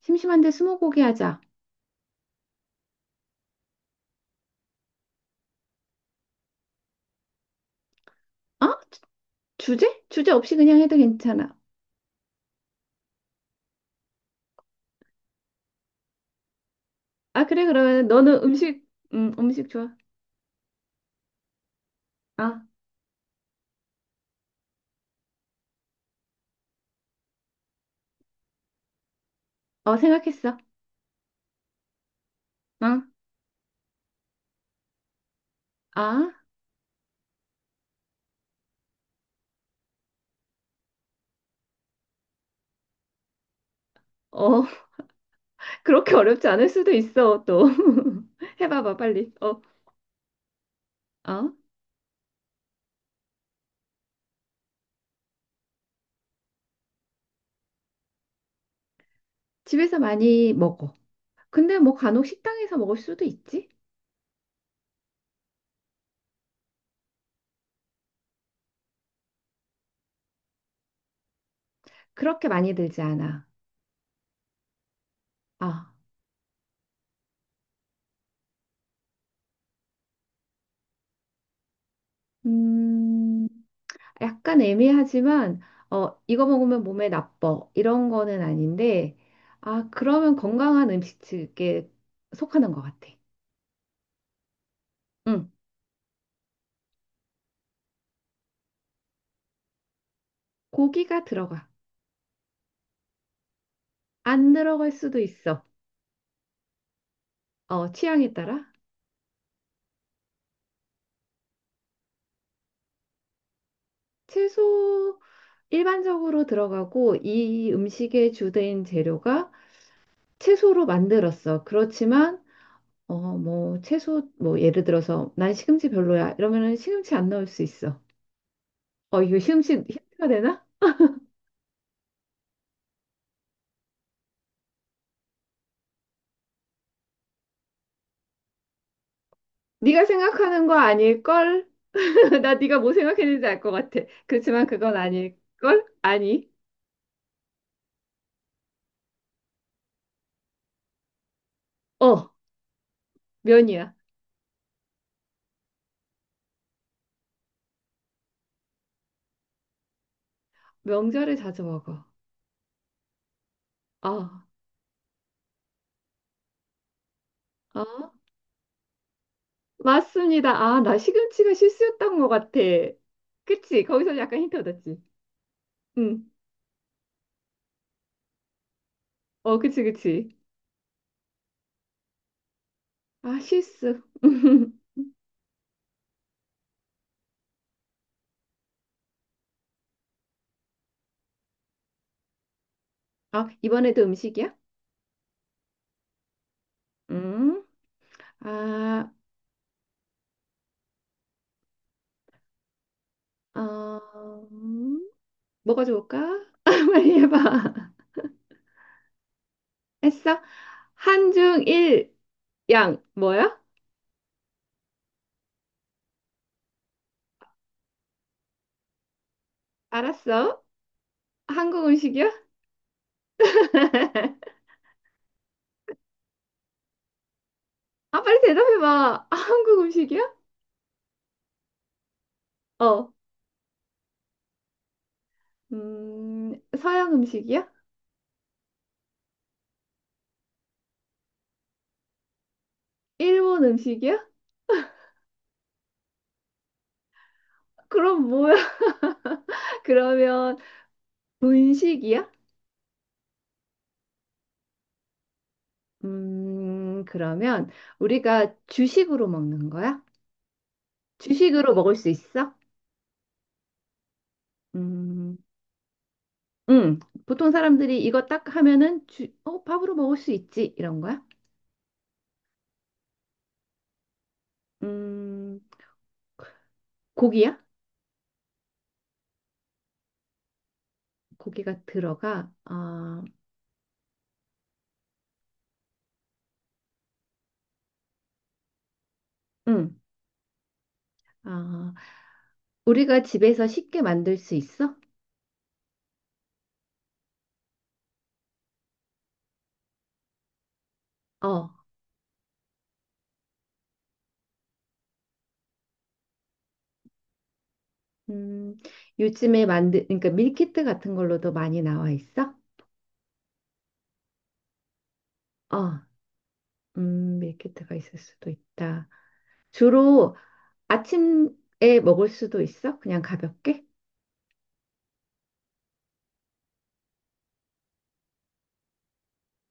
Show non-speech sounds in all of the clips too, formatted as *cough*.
심심한데 스무고개 하자. 어? 주제? 주제 없이 그냥 해도 괜찮아. 아, 그래, 그러면 너는 음식, 음식 좋아. 아, 어, 생각했어. 어, 아, 어, *laughs* 그렇게 어렵지 않을 수도 있어, 또. *laughs* 해봐봐, 빨리. 어, 어, 집에서 많이 먹어. 근데 뭐 간혹 식당에서 먹을 수도 있지? 그렇게 많이 들지 않아. 아, 음, 약간 애매하지만 이거 먹으면 몸에 나빠 이런 거는 아닌데 아 그러면 건강한 음식에 속하는 것 같아. 응, 고기가 들어가. 안 들어갈 수도 있어. 어, 취향에 따라 채소 일반적으로 들어가고 이 음식의 주된 재료가 채소로 만들었어. 그렇지만 뭐 채소 뭐 예를 들어서 난 시금치 별로야 이러면은 시금치 안 넣을 수 있어. 어, 이거 시금치 힌트가 되나? 네가 생각하는 거 아닐걸? *laughs* 나 네가 뭐 생각했는지 알 것 같아. 그렇지만 그건 아닐걸? 아니. 어, 면이야. 명절에 자주 먹어. 아, 아, 맞습니다. 아, 나 시금치가 실수였던 것 같아. 그치? 거기서 약간 힌트 얻었지? 응. 어, 그치, 그치. 아, 실수. *laughs* 아, 이번에도 음식이야? 음. 아, 어, 뭐가 좋을까? *laughs* 빨리 해봐. 했어? 한중 일양 뭐야? 알았어. 한국 음식이야? *laughs* 아, 빨리 대답해봐. 아, 한국 음식이야? 어. 서양 음식이야? 일본 음식이야? 그럼 뭐야? *laughs* 그러면 분식이야? 그러면 우리가 주식으로 먹는 거야? 주식으로 먹을 수 있어? 음, 음, 보통 사람들이 이거 딱 하면은 주, 어, 밥으로 먹을 수 있지. 이런 거야? 음, 고기야? 고기가 들어가. 아, 응. 아, 우리가 집에서 쉽게 만들 수 있어? 어. 음, 요즘에 만드, 그러니까 밀키트 같은 걸로도 많이 나와 있어? 어. 밀키트가 있을 수도 있다. 주로 아침에 먹을 수도 있어? 그냥 가볍게?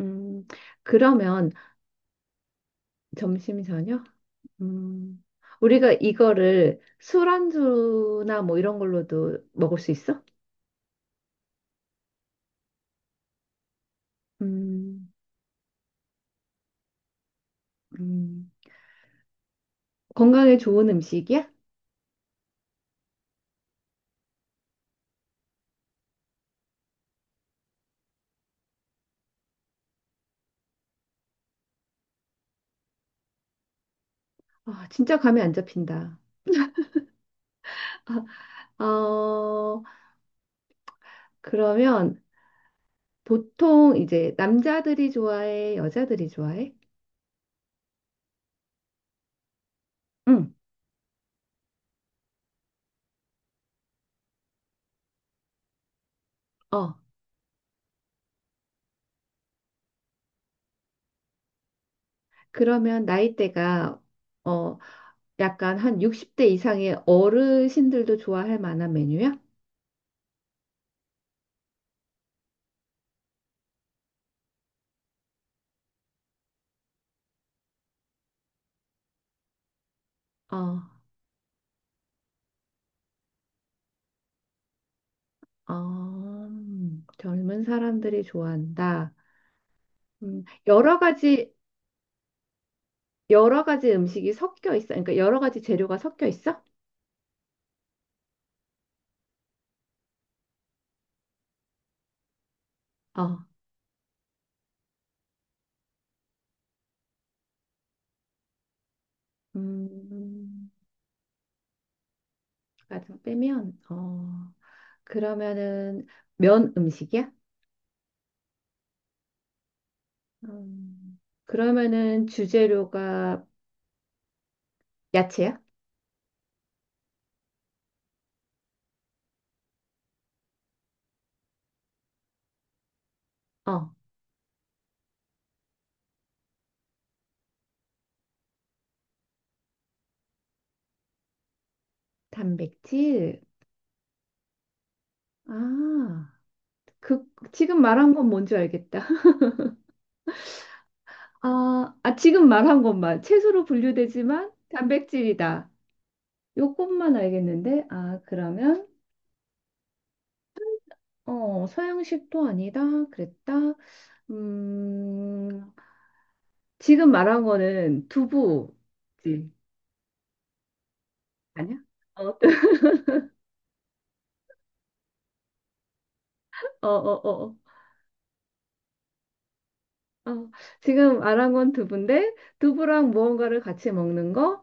음, 그러면 점심 저녁? 음, 우리가 이거를 술안주나 뭐 이런 걸로도 먹을 수 있어? 음, 음. 건강에 좋은 음식이야? 아, 진짜 감이 안 잡힌다. *laughs* 아, 어, 그러면 보통 이제 남자들이 좋아해, 여자들이 좋아해? 응. 어, 그러면 나이대가 어, 약간 한 60대 이상의 어르신들도 좋아할 만한 메뉴야? 어, 어, 젊은 사람들이 좋아한다. 여러 가지, 여러 가지 음식이 섞여 있어. 그러니까 여러 가지 재료가 섞여 있어? 어, 음, 가장 빼면 어 그러면은 면 음식이야? 음, 그러면은 주재료가 야채야? 어 단백질 아 그 지금 말한 건 뭔지 알겠다. *laughs* 아, 아 지금 말한 것만 채소로 분류되지만 단백질이다. 요것만 알겠는데 아 그러면 어 서양식도 아니다 그랬다. 음 지금 말한 거는 두부지 아니야? 어 어, 어, 어. 어, 어. 지금 알아본 건 두부인데, 두부랑 무언가를 같이 먹는 거?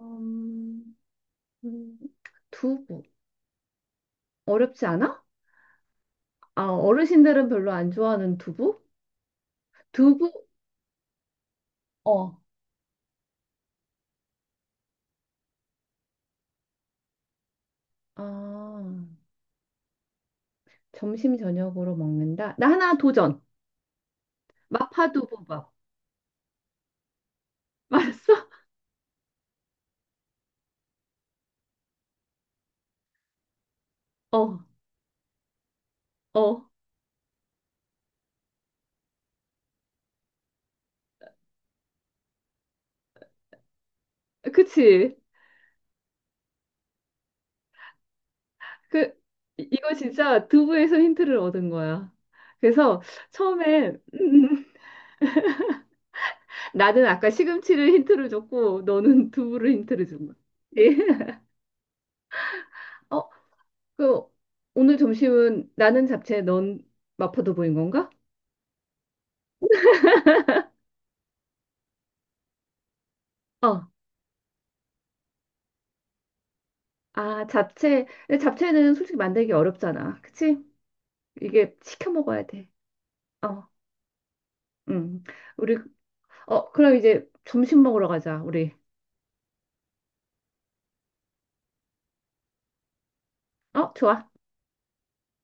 음, 음, 두부. 어렵지 않아? 아, 어르신들은 별로 안 좋아하는 두부? 두부? 어. 아, 점심, 저녁으로 먹는다? 나 하나 도전. 마파두부밥. 맞았어? *laughs* 어, 어. 그치? 그, 이- 이거 진짜 두부에서 힌트를 얻은 거야. 그래서 처음에, 나는 아까 시금치를 힌트를 줬고 너는 *laughs* 두부를 힌트를 준 거야. 예. 어, 그 오늘 점심은 나는 잡채, 넌 마파도 보인 건가? 어. 아, 잡채. 근데 잡채는 솔직히 만들기 어렵잖아. 그치? 이게 시켜 먹어야 돼. 어. 음. 우리 어, 그럼 이제 점심 먹으러 가자. 우리. 어, 좋아.